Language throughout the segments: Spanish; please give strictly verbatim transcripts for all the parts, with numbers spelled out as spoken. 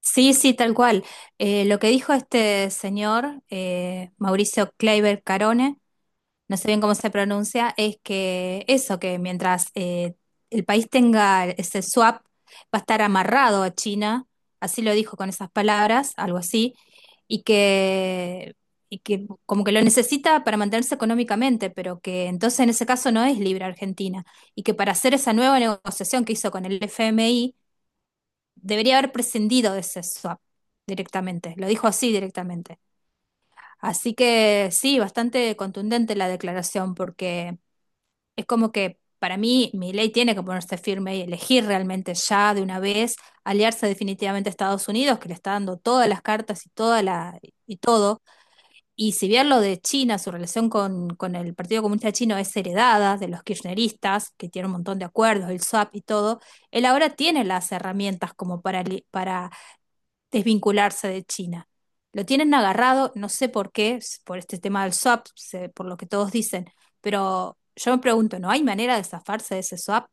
Sí, sí, tal cual. Eh, lo que dijo este señor, eh, Mauricio Kleiber Carone, no sé bien cómo se pronuncia, es que eso, que mientras eh, el país tenga ese swap, va a estar amarrado a China, así lo dijo con esas palabras, algo así, y que, y que como que lo necesita para mantenerse económicamente, pero que entonces en ese caso no es libre Argentina, y que para hacer esa nueva negociación que hizo con el F M I, debería haber prescindido de ese swap directamente, lo dijo así directamente. Así que sí, bastante contundente la declaración, porque es como que para mí ley tiene que ponerse firme y elegir realmente ya de una vez aliarse definitivamente a Estados Unidos, que le está dando todas las cartas y toda la y todo. Y si bien lo de China, su relación con, con el Partido Comunista Chino es heredada de los kirchneristas, que tiene un montón de acuerdos, el swap y todo, él ahora tiene las herramientas como para, li- para desvincularse de China. Lo tienen agarrado, no sé por qué, s- por este tema del swap, se- por lo que todos dicen, pero yo me pregunto, ¿no hay manera de zafarse de ese swap?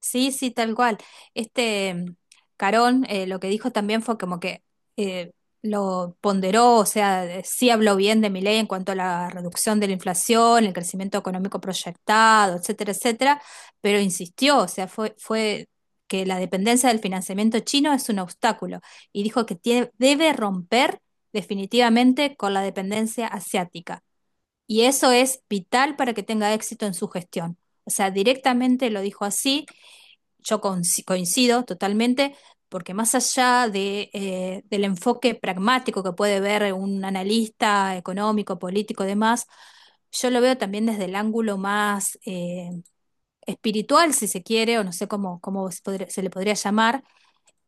Sí, sí, tal cual. Este mm, Carón, eh, lo que dijo también fue como que eh, lo ponderó, o sea, eh, sí habló bien de Milei en cuanto a la reducción de la inflación, el crecimiento económico proyectado, etcétera, etcétera, pero insistió, o sea, fue, fue que la dependencia del financiamiento chino es un obstáculo y dijo que tie- debe romper definitivamente con la dependencia asiática. Y eso es vital para que tenga éxito en su gestión. O sea, directamente lo dijo así. Yo conci- coincido totalmente, porque más allá de, eh, del enfoque pragmático que puede ver un analista económico, político y demás, yo lo veo también desde el ángulo más eh, espiritual, si se quiere, o no sé cómo, cómo se, podría- se le podría llamar,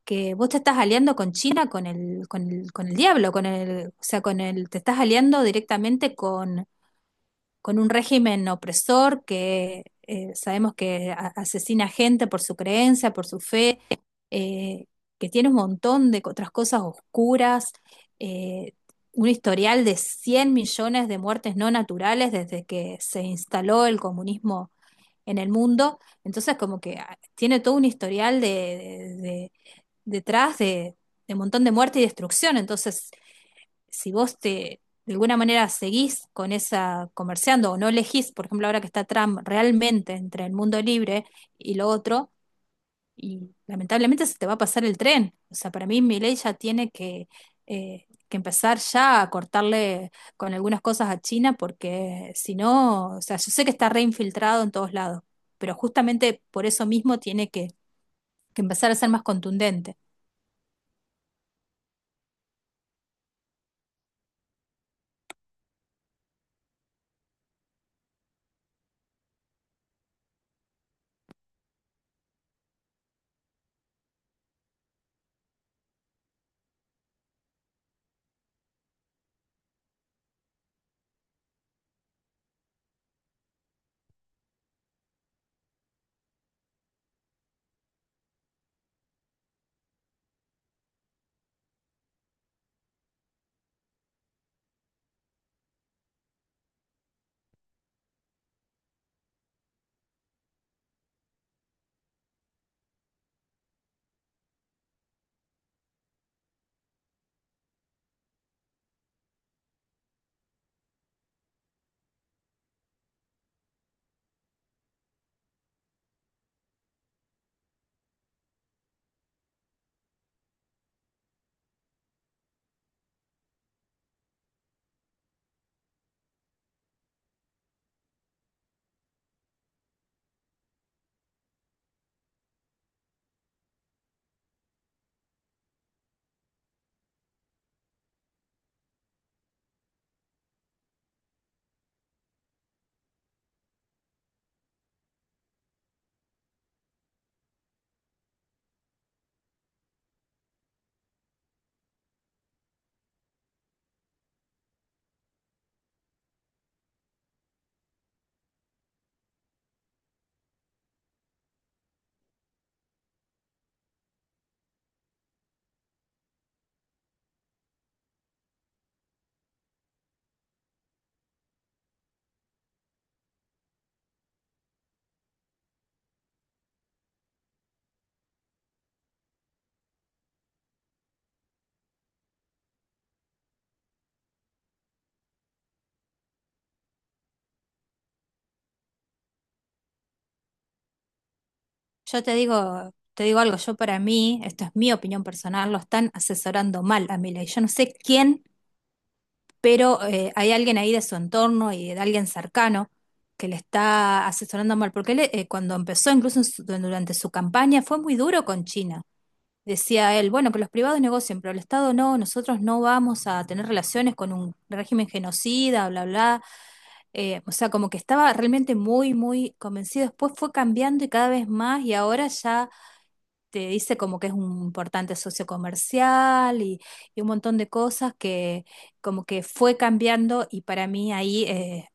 que vos te estás aliando con China, con el, con el, con el diablo, con el, o sea, con el, te estás aliando directamente con con un régimen opresor que, eh, sabemos que a- asesina gente por su creencia, por su fe, eh, que tiene un montón de co- otras cosas oscuras, eh, un historial de cien millones de muertes no naturales desde que se instaló el comunismo en el mundo. Entonces, como que ah, tiene todo un historial de, de- de- detrás de, de un montón de muerte y destrucción. Entonces, si vos te, de alguna manera seguís con esa comerciando o no elegís, por ejemplo, ahora que está Trump realmente entre el mundo libre y lo otro, y lamentablemente se te va a pasar el tren. O sea, para mí Milei ya tiene que, eh, que empezar ya a cortarle con algunas cosas a China, porque si no, o sea, yo sé que está reinfiltrado en todos lados, pero justamente por eso mismo tiene que, que empezar a ser más contundente. Yo te digo, te digo algo, yo para mí, esto es mi opinión personal, lo están asesorando mal a Milei. Yo no sé quién, pero eh, hay alguien ahí de su entorno y de alguien cercano que le está asesorando mal, porque él, eh, cuando empezó, incluso en su- durante su campaña, fue muy duro con China. Decía él, bueno, que los privados negocien, pero el Estado no, nosotros no vamos a tener relaciones con un régimen genocida, bla, bla. Eh, o sea, como que estaba realmente muy, muy convencido. Después fue cambiando y cada vez más, y ahora ya te dice como que es un importante socio comercial y, y un montón de cosas que como que fue cambiando y para mí ahí, eh,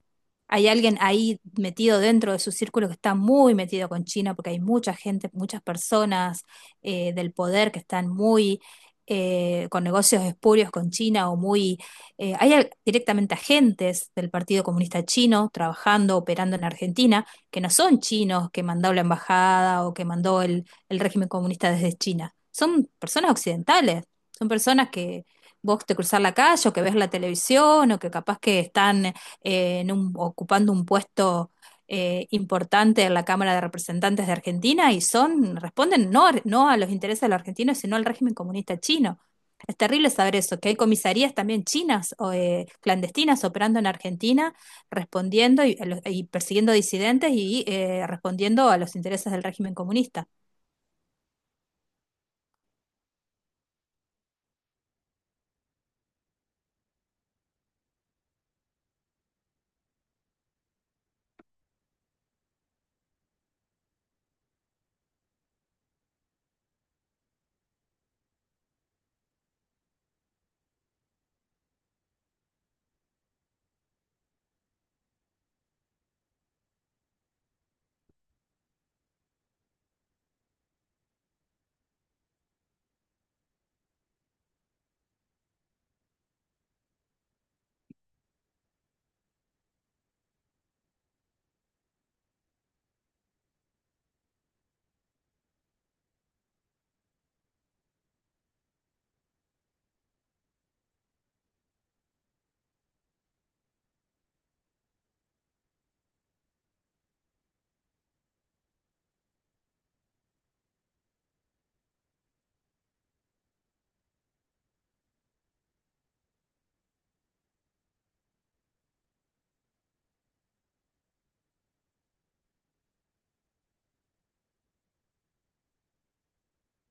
hay alguien ahí metido dentro de su círculo que está muy metido con China, porque hay mucha gente, muchas personas, eh, del poder que están muy, eh, con negocios espurios con China o muy... Eh, hay al- directamente agentes del Partido Comunista Chino trabajando, operando en Argentina, que no son chinos que mandó la embajada o que mandó el, el régimen comunista desde China. Son personas occidentales, son personas que vos te cruzás la calle o que ves la televisión o que capaz que están, eh, en un- ocupando un puesto, eh, importante en la Cámara de Representantes de Argentina y son, responden no, a- no a los intereses de los argentinos, sino al régimen comunista chino. Es terrible saber eso, que hay comisarías también chinas o, eh, clandestinas operando en Argentina, respondiendo y, a los- y persiguiendo disidentes y, eh, respondiendo a los intereses del régimen comunista.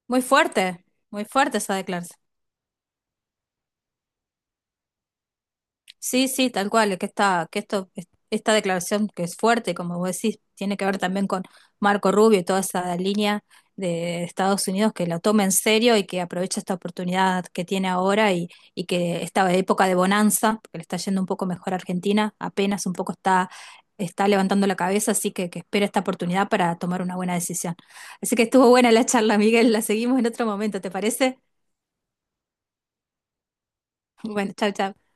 Muy fuerte, muy fuerte esa declaración. Sí, sí, tal cual, es que esta, que esto, esta declaración que es fuerte, como vos decís, tiene que ver también con Marco Rubio y toda esa línea de Estados Unidos que la toma en serio y que aprovecha esta oportunidad que tiene ahora y, y que esta época de bonanza, porque le está yendo un poco mejor a Argentina, apenas un poco está, está levantando la cabeza, así que, que espera esta oportunidad para tomar una buena decisión. Así que estuvo buena la charla, Miguel, la seguimos en otro momento, ¿te parece? Bueno, chau chau.